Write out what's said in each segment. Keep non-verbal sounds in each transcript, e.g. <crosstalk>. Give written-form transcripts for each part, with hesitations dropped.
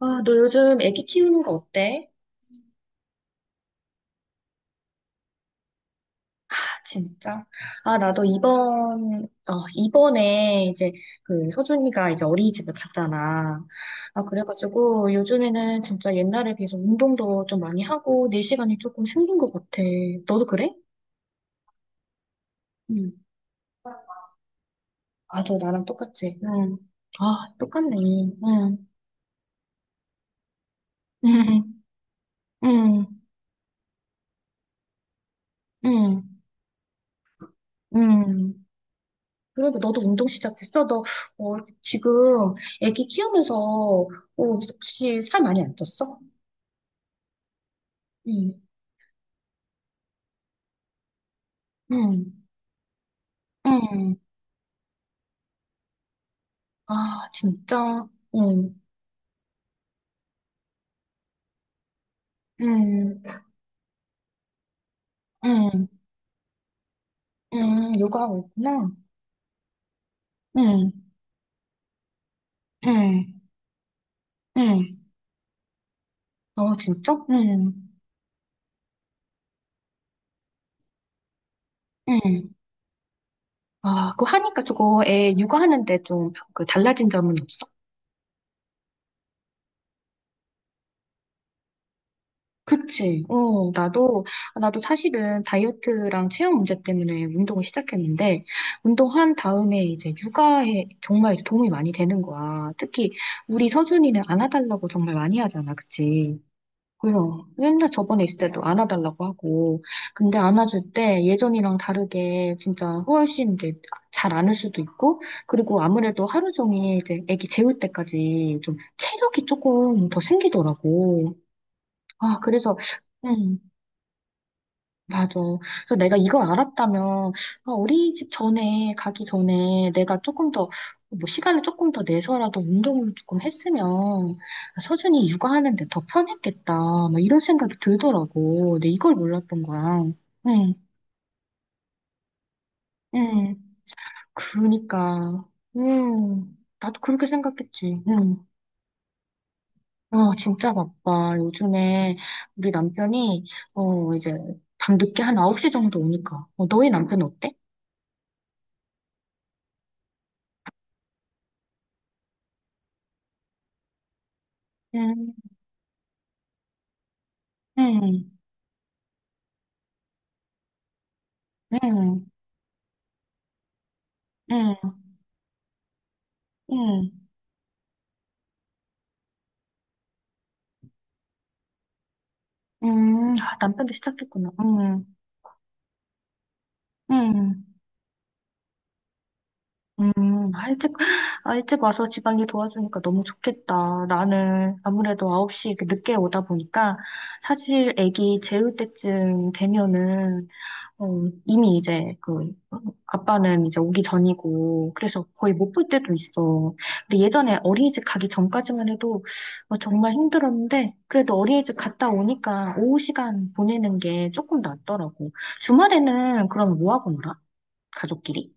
아, 너 요즘 애기 키우는 거 어때? 아, 진짜? 아, 나도 이번에 이제 그 서준이가 이제 어린이집을 갔잖아. 아, 그래가지고 요즘에는 진짜 옛날에 비해서 운동도 좀 많이 하고 내 시간이 조금 생긴 것 같아. 너도 그래? 응. 아, 저 나랑 똑같지? 응. 아, 똑같네. 응. <laughs> 응. 응. 응. 응. 그러니까 너도 운동 시작했어? 너, 어, 지금 애기 키우면서, 어, 혹시 살 많이 안 쪘어? 응, 응, 응. 아, 진짜? 응, 응, 응, 응. 요가하고 있구나. 응, 응, 응. 어, 진짜? 응, 응. 아, 그거 하니까 저거 애 육아하는데 좀 그 달라진 점은 없어? 그치. 어, 나도, 나도 사실은 다이어트랑 체형 문제 때문에 운동을 시작했는데, 운동한 다음에 이제 육아에 정말 이제 도움이 많이 되는 거야. 특히 우리 서준이는 안아달라고 정말 많이 하잖아. 그치. 그래 맨날 저번에 있을 때도 안아달라고 하고, 근데 안아줄 때 예전이랑 다르게 진짜 훨씬 이제 잘 안을 수도 있고, 그리고 아무래도 하루 종일 이제 아기 재울 때까지 좀 체력이 조금 더 생기더라고. 아, 그래서 음, 맞아. 그래서 내가 이걸 알았다면, 아, 우리 집 전에, 가기 전에 내가 조금 더, 뭐, 시간을 조금 더 내서라도 운동을 조금 했으면, 아, 서준이 육아하는데 더 편했겠다. 막 이런 생각이 들더라고. 근데 이걸 몰랐던 거야. 응, 응. 그니까, 응. 나도 그렇게 생각했지. 응. 아, 진짜 바빠. 요즘에 우리 남편이, 어, 이제, 밤늦게 한 9시 정도 오니까. 어, 너희 남편 어때? 응. 응. 응, 응, 응, 응. 아, 남편도 시작했구나. 응, 응, 응. 아, 일찍, 아, 일찍 와서 집안일 도와주니까 너무 좋겠다. 나는 아무래도 9시 이렇게 늦게 오다 보니까 사실 애기 재울 때쯤 되면은 어, 이미 이제 그 아빠는 이제 오기 전이고 그래서 거의 못 볼 때도 있어. 근데 예전에 어린이집 가기 전까지만 해도 어, 정말 힘들었는데 그래도 어린이집 갔다 오니까 오후 시간 보내는 게 조금 낫더라고. 주말에는 그럼 뭐 하고 놀아? 가족끼리?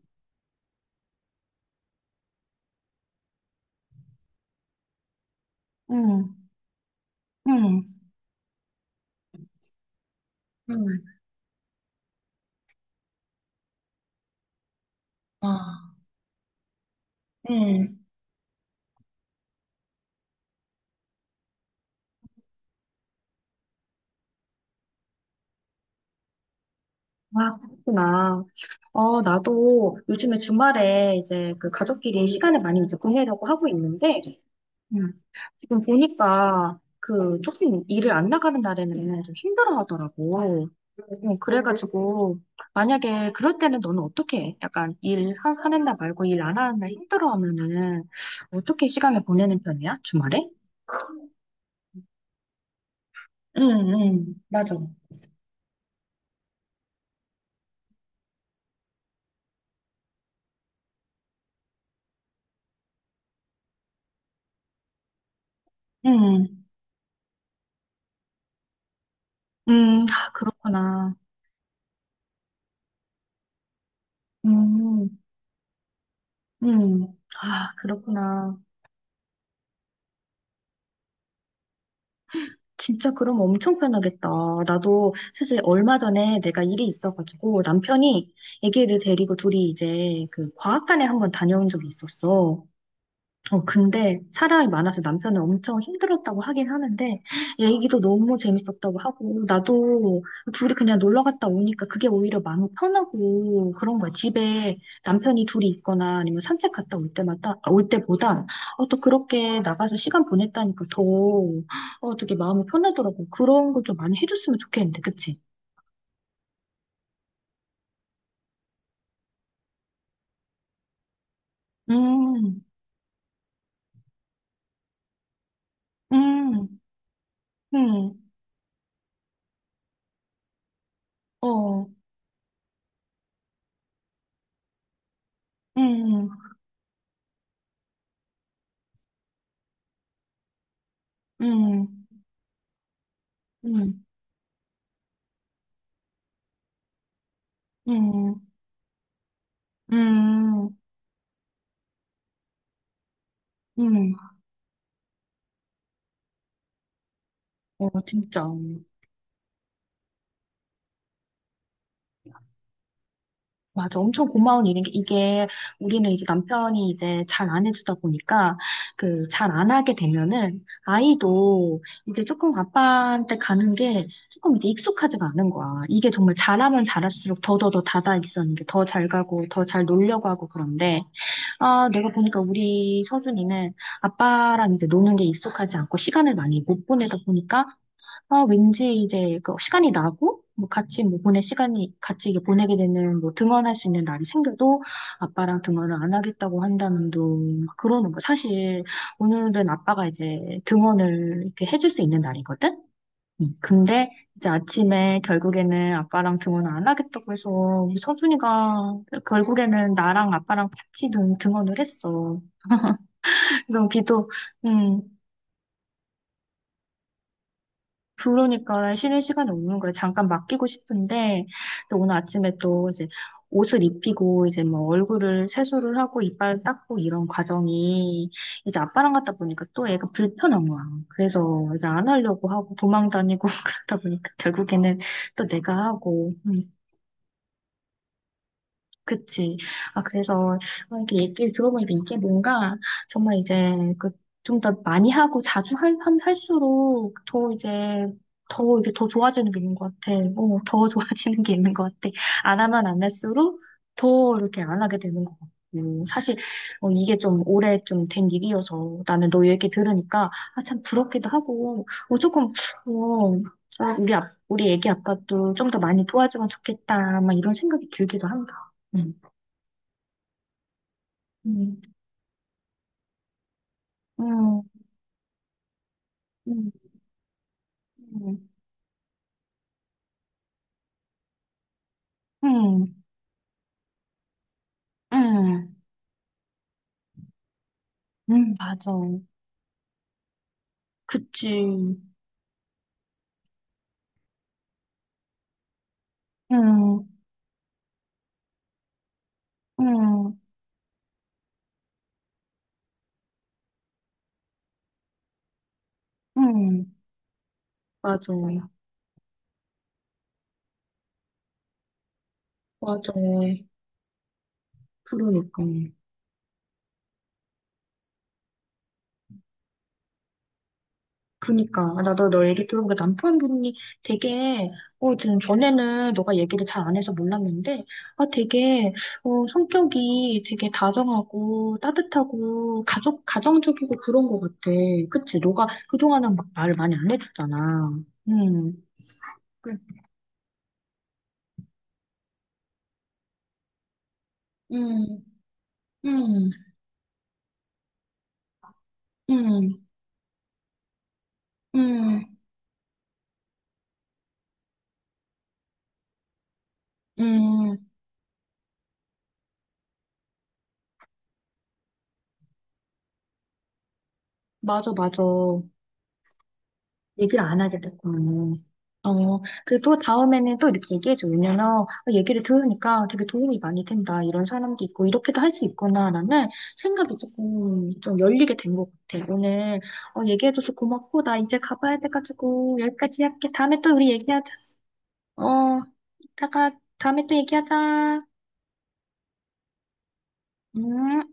응, 응, 응, 아, 응. 아, 그렇구나. 어, 나도 요즘에 주말에 이제 그 가족끼리 시간을 많이 이제 보내려고 하고 있는데 음. 지금 보니까 그 조금 일을 안 나가는 날에는 좀 힘들어 하더라고. 그래가지고 만약에 그럴 때는 너는 어떻게 해? 약간 일 하는 날 말고 일 안 하는 날 힘들어 하면은 어떻게 시간을 보내는 편이야? 주말에? 응, 응, 맞아. 응, 응, 아, 그렇구나. 음, 음, 아, 그렇구나. 진짜 그럼 엄청 편하겠다. 나도 사실 얼마 전에 내가 일이 있어가지고 남편이 아기를 데리고 둘이 이제 그 과학관에 한번 다녀온 적이 있었어. 어, 근데 사람이 많아서 남편은 엄청 힘들었다고 하긴 하는데, 얘기도 너무 재밌었다고 하고, 나도 둘이 그냥 놀러 갔다 오니까 그게 오히려 마음 편하고 그런 거야. 집에 남편이 둘이 있거나 아니면 산책 갔다 올 때마다, 아, 올 때보다, 어, 또 그렇게 나가서 시간 보냈다니까 더, 어, 되게 마음이 편하더라고. 그런 걸 좀 많이 해줬으면 좋겠는데, 그치? 음, 음, 음, 어, 음, 음, 음, 음, 음. 음, 어, 진짜. 맞아. 엄청 고마운 일인 게, 이게 우리는 이제 남편이 이제 잘 안 해주다 보니까, 그, 잘 안 하게 되면은, 아이도 이제 조금 아빠한테 가는 게 조금 이제 익숙하지가 않은 거야. 이게 정말 잘하면 잘할수록 더더더 다다 있었는게더 잘 가고, 더 잘 놀려고 하고 그런데, 아, 내가 보니까 우리 서준이는 아빠랑 이제 노는 게 익숙하지 않고, 시간을 많이 못 보내다 보니까, 아, 왠지 이제 그 시간이 나고, 뭐 같이 뭐 보낼 시간이, 같이 이게 보내게 되는, 뭐 등원할 수 있는 날이 생겨도 아빠랑 등원을 안 하겠다고 한다는 둥, 막 그러는 거. 사실 오늘은 아빠가 이제 등원을 이렇게 해줄 수 있는 날이거든? 근데 이제 아침에 결국에는 아빠랑 등원을 안 하겠다고 해서 우리 서준이가 결국에는 나랑 아빠랑 같이 등원을 했어. 그래서 비도, 음, 그러니까 쉬는 시간이 없는 거예요. 잠깐 맡기고 싶은데, 또 오늘 아침에 또 이제 옷을 입히고, 이제 뭐 얼굴을 세수를 하고, 이빨 닦고 이런 과정이 이제 아빠랑 갔다 보니까 또 애가 불편한 거야. 그래서 이제 안 하려고 하고 도망 다니고 <laughs> 그러다 보니까 결국에는 또 내가 하고. 음. 그치. 아, 그래서, 아, 이렇게 얘기를 들어보니까 이게 뭔가, 정말 이제, 그, 좀 더 많이 하고 자주 할수록 더 이제, 더 이게 더 좋아지는 게 있는 것 같아. 어, 더 <laughs> 좋아지는 게 있는 것 같아. 안 하면 안 할수록 더 이렇게 안 하게 되는 것 같고. 사실, 어, 이게 좀 오래 좀 된 일이어서 나는 너 얘기 들으니까, 아, 참 부럽기도 하고, 어, 조금, 어, 아, 우리, 우리 애기 아빠도 좀 더 많이 도와주면 좋겠다, 막 이런 생각이 들기도 한다. 음. 음, 음, 음, 음, 음, 음, 맞아. 그치. 음, 음, 음, 맞아. 맞아. 그러니까. 그니까. 나도 너 얘기 들어보니까 남편분이 되게, 어, 지금 전에는 너가 얘기를 잘 안 해서 몰랐는데, 아, 되게, 어, 성격이 되게 다정하고 따뜻하고 가정적이고 그런 것 같아. 그치? 너가 그동안은 막 말을 많이 안 해줬잖아. 음. 음, 음, 음, 음, 음, 음. 맞아, 맞아. 얘기를 안 하게 됐구나. 어, 그리고 또 다음에는 또 이렇게 얘기해줘. 왜냐면, 어, 얘기를 들으니까 되게 도움이 많이 된다. 이런 사람도 있고, 이렇게도 할 수 있구나라는 생각이 조금 좀 열리게 된 것 같아. 오늘, 어, 얘기해줘서 고맙고, 나 이제 가봐야 돼가지고, 여기까지 할게. 다음에 또 우리 얘기하자. 어, 이따가, 다음에 또 얘기하자. 음.